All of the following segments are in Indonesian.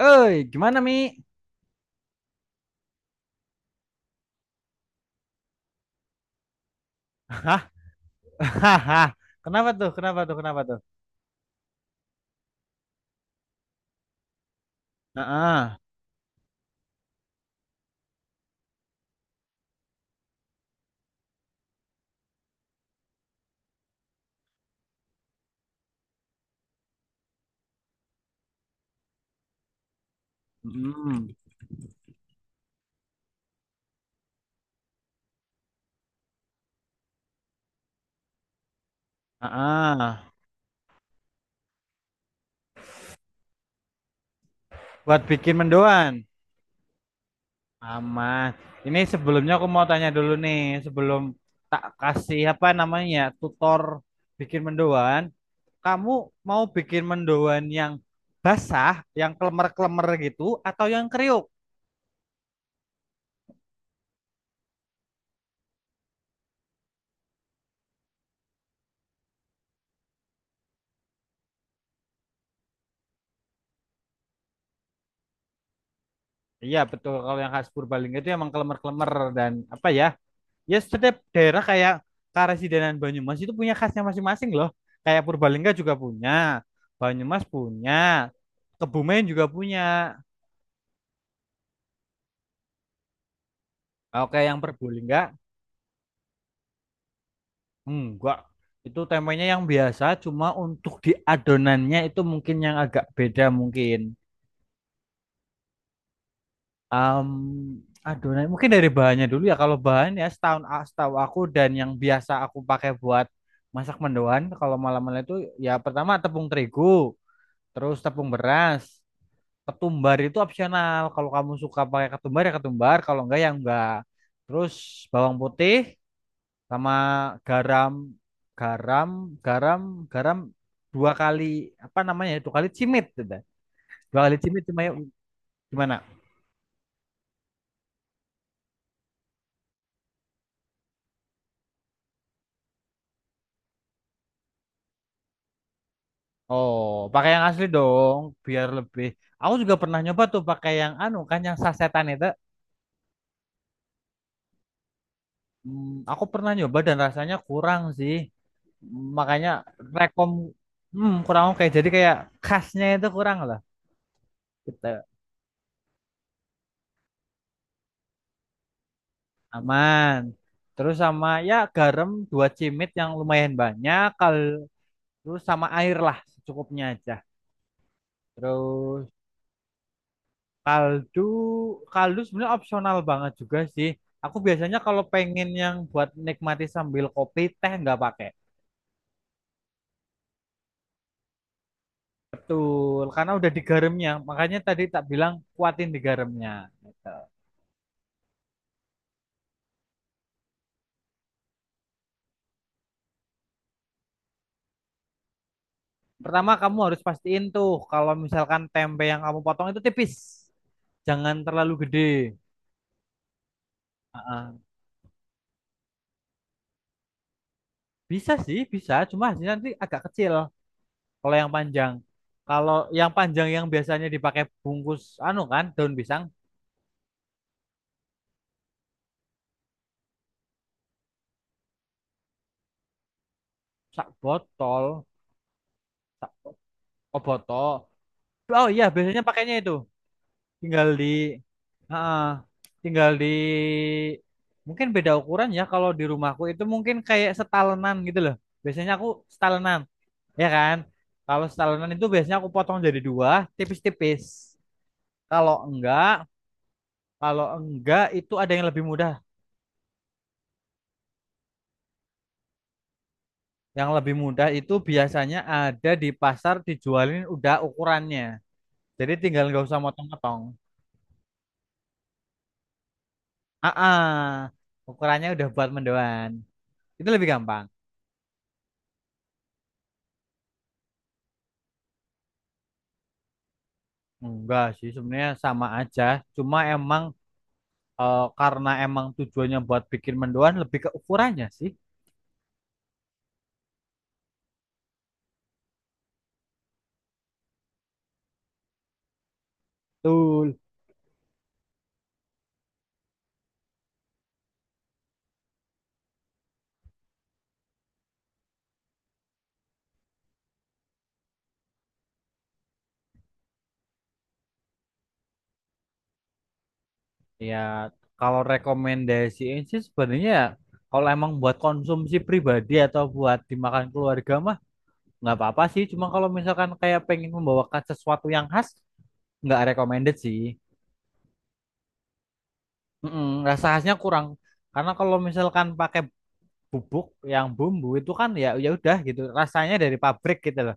Oi, gimana Mi? Hah? Hahaha. Kenapa tuh? Kenapa tuh? Kenapa tuh? Heeh. Hmm. Heeh. Buat bikin mendoan. Aman. Ini sebelumnya aku mau tanya dulu nih, sebelum tak kasih apa namanya ya, tutor bikin mendoan, kamu mau bikin mendoan yang basah, yang klemer-klemer gitu, atau yang kriuk? Iya betul, kalau yang khas Purbalingga itu emang klemer-klemer dan apa ya? Ya, setiap daerah kayak Karesidenan Banyumas itu punya khasnya masing-masing loh. Kayak Purbalingga juga punya, Banyumas punya, Kebumen juga punya. Oke, yang Purbalingga enggak. Itu tempenya yang biasa, cuma untuk di adonannya itu mungkin yang agak beda mungkin. Em, Adonan mungkin dari bahannya dulu ya. Kalau bahan ya setahu aku dan yang biasa aku pakai buat masak mendoan kalau malam-malam itu ya pertama tepung terigu, terus tepung beras. Ketumbar itu opsional. Kalau kamu suka pakai ketumbar ya ketumbar, kalau enggak ya enggak. Terus bawang putih sama garam, garam, garam, garam dua kali apa namanya? Ya, dua kali cimit udah. Dua kali cimit cuma yuk, gimana? Oh, pakai yang asli dong, biar lebih. Aku juga pernah nyoba tuh pakai yang anu kan yang sasetan itu. Aku pernah nyoba dan rasanya kurang sih. Makanya rekom kurang oke. Jadi kayak khasnya itu kurang lah. Gitu. Aman. Terus sama ya garam dua cimit yang lumayan banyak. Terus sama air lah secukupnya aja. Terus kaldu kaldu sebenarnya opsional banget juga sih. Aku biasanya kalau pengen yang buat nikmati sambil kopi teh nggak pakai. Betul, karena udah digaramnya. Makanya tadi tak bilang kuatin digaramnya. Gitu. Pertama kamu harus pastiin tuh kalau misalkan tempe yang kamu potong itu tipis, jangan terlalu gede. Heeh. Bisa sih, bisa. Cuma hasilnya nanti agak kecil kalau yang panjang. Kalau yang panjang yang biasanya dipakai bungkus anu kan, daun pisang, sak botol, sak oh, botol. Oh iya, biasanya pakainya itu. Tinggal di. Heeh. Tinggal di, mungkin beda ukuran ya kalau di rumahku itu mungkin kayak setalenan gitu loh. Biasanya aku setalenan, ya kan? Kalau setalenan itu biasanya aku potong jadi dua, tipis-tipis. Kalau enggak, kalau enggak itu ada yang lebih mudah. Yang lebih mudah itu biasanya ada di pasar dijualin udah ukurannya. Jadi tinggal nggak usah motong-motong. Ah, ah, ukurannya udah buat mendoan. Itu lebih gampang. Enggak sih, sebenarnya sama aja. Cuma emang karena emang tujuannya buat bikin mendoan lebih ke ukurannya sih. Betul. Ya, kalau rekomendasiin sih sebenarnya ya, kalau emang buat konsumsi pribadi atau buat dimakan keluarga mah nggak apa-apa sih. Cuma kalau misalkan kayak pengen membawakan sesuatu yang khas, nggak recommended sih. Mm-mm, rasa khasnya kurang karena kalau misalkan pakai bubuk yang bumbu itu kan ya ya udah gitu rasanya dari pabrik gitu loh.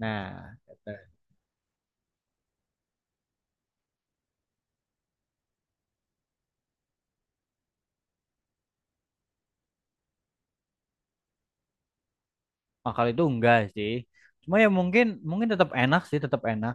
Nah, gitu. Nah, kalau itu enggak sih. Cuma ya mungkin mungkin tetap enak sih, tetap enak.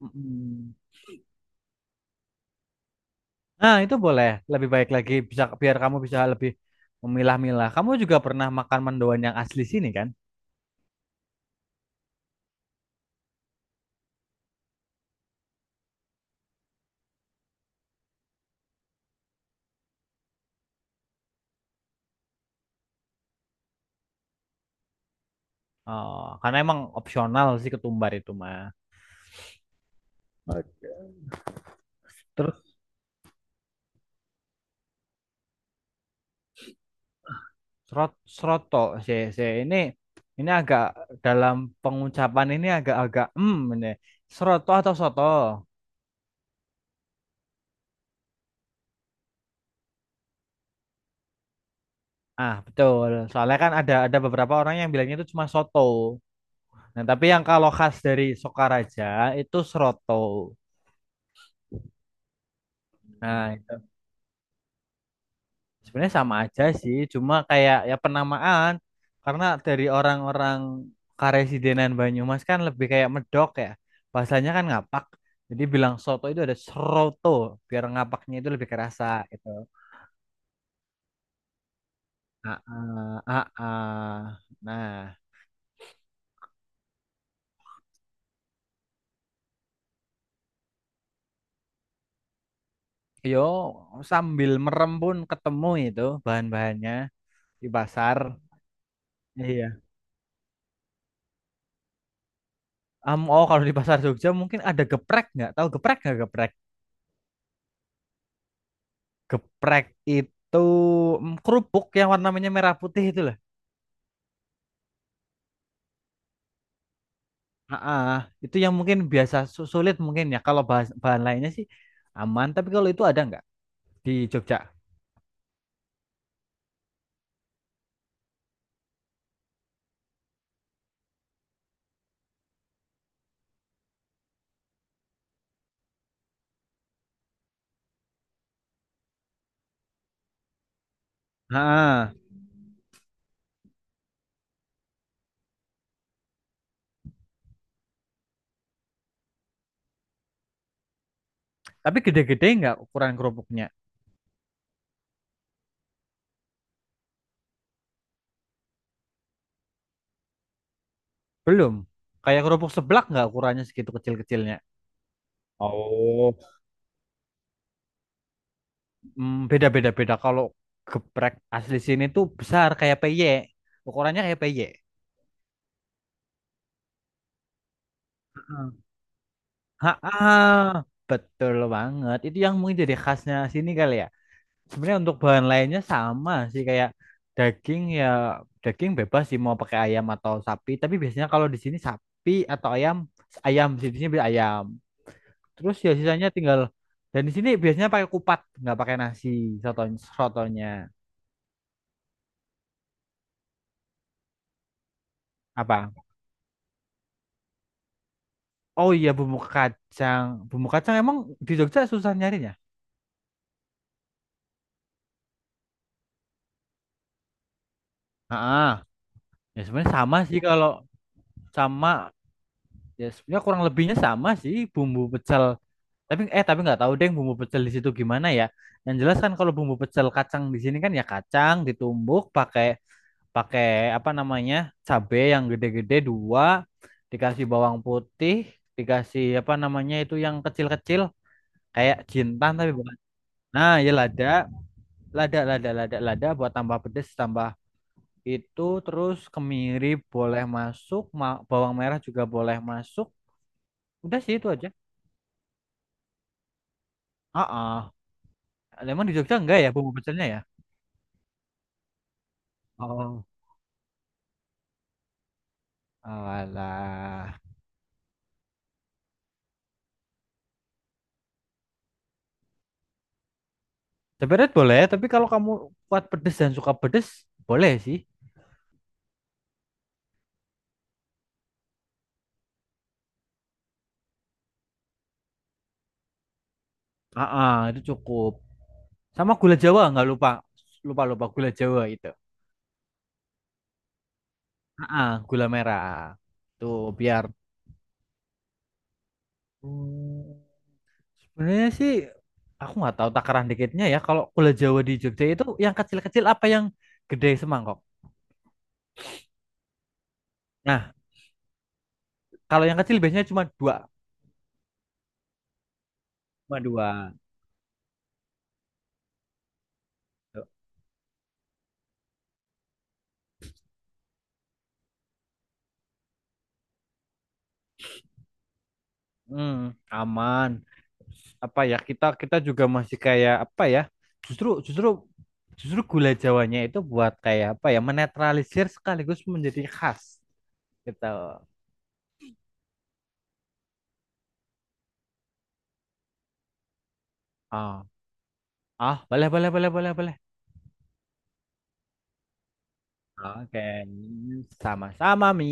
Mm-mm. Nah, itu boleh. Lebih baik lagi bisa biar kamu bisa lebih memilah-milah. Kamu juga pernah makan mendoan yang asli sini kan? Oh, karena emang opsional sih ketumbar itu mah. Oke. Srot, Sroto, si ini agak, dalam pengucapan ini agak-agak, ini sroto atau soto. Ah betul, soalnya kan ada beberapa orang yang bilangnya itu cuma soto. Nah tapi yang kalau khas dari Sokaraja itu sroto. Nah itu. Sebenarnya sama aja sih, cuma kayak ya penamaan karena dari orang-orang Karesidenan Banyumas kan lebih kayak medok ya. Bahasanya kan ngapak. Jadi bilang soto itu ada seroto biar ngapaknya itu lebih kerasa gitu. Ah, ah, ah, ah. Nah, yo sambil merem pun ketemu itu bahan-bahannya di pasar. Iya. Oh, kalau di pasar Jogja mungkin ada geprek nggak? Tahu geprek nggak geprek? Geprek itu kerupuk yang warnanya merah putih itu lah. Heeh, itu yang mungkin biasa sulit mungkin ya. Kalau bahan lainnya sih aman, tapi kalau itu ada nggak di Jogja? Heeh. Tapi gede-gede nggak ukuran kerupuknya? Belum. Kayak kerupuk seblak nggak ukurannya segitu kecil-kecilnya? Oh. Beda-beda beda. Kalau geprek asli sini tuh besar kayak peyek. Ukurannya kayak peyek. Heeh. Heeh, ah, betul banget. Itu yang mungkin jadi khasnya sini kali ya. Sebenarnya untuk bahan lainnya sama sih kayak daging ya daging bebas sih mau pakai ayam atau sapi. Tapi biasanya kalau di sini sapi atau ayam ayam sih di sini beli ayam. Terus ya sisanya tinggal dan di sini biasanya pakai kupat nggak pakai nasi, sotonya sotonya apa? Oh iya, bumbu kacang emang di Jogja susah nyarinya. Ah, ya sebenarnya sama sih, kalau sama ya sebenarnya kurang lebihnya sama sih bumbu pecel, tapi nggak tahu deh bumbu pecel di situ gimana ya. Yang jelas kan kalau bumbu pecel kacang di sini kan ya kacang ditumbuk pakai pakai apa namanya, cabe yang gede-gede dua, dikasih bawang putih, dikasih apa namanya, itu yang kecil-kecil kayak jintan tapi bukan, nah ya lada, lada, lada, lada, lada buat tambah pedes, tambah itu, terus kemiri boleh masuk, bawang merah juga boleh masuk, udah sih itu aja. Heeh. Emang di Jogja enggak ya bumbu pecelnya ya? Oh. Alah. Sebenarnya boleh, tapi kalau kamu kuat pedes dan suka pedes, boleh sih. Heeh, itu cukup. Sama gula Jawa nggak lupa. Lupa, lupa gula Jawa itu. Heeh, gula merah. Tuh biar. Hmm. Sebenarnya sih aku nggak tahu takaran dikitnya ya. Kalau gula Jawa di Jogja itu yang kecil-kecil apa yang gede semangkok? Nah, kalau yang kecil biasanya cuma dua. Cuma dua. Hmm. Aman. Apa ya kita kita juga masih kayak apa ya? Justru justru justru gula Jawanya itu buat kayak apa ya? Menetralisir sekaligus menjadi khas gitu. Ah, ah, boleh boleh boleh boleh boleh. Oke, sama-sama Mi.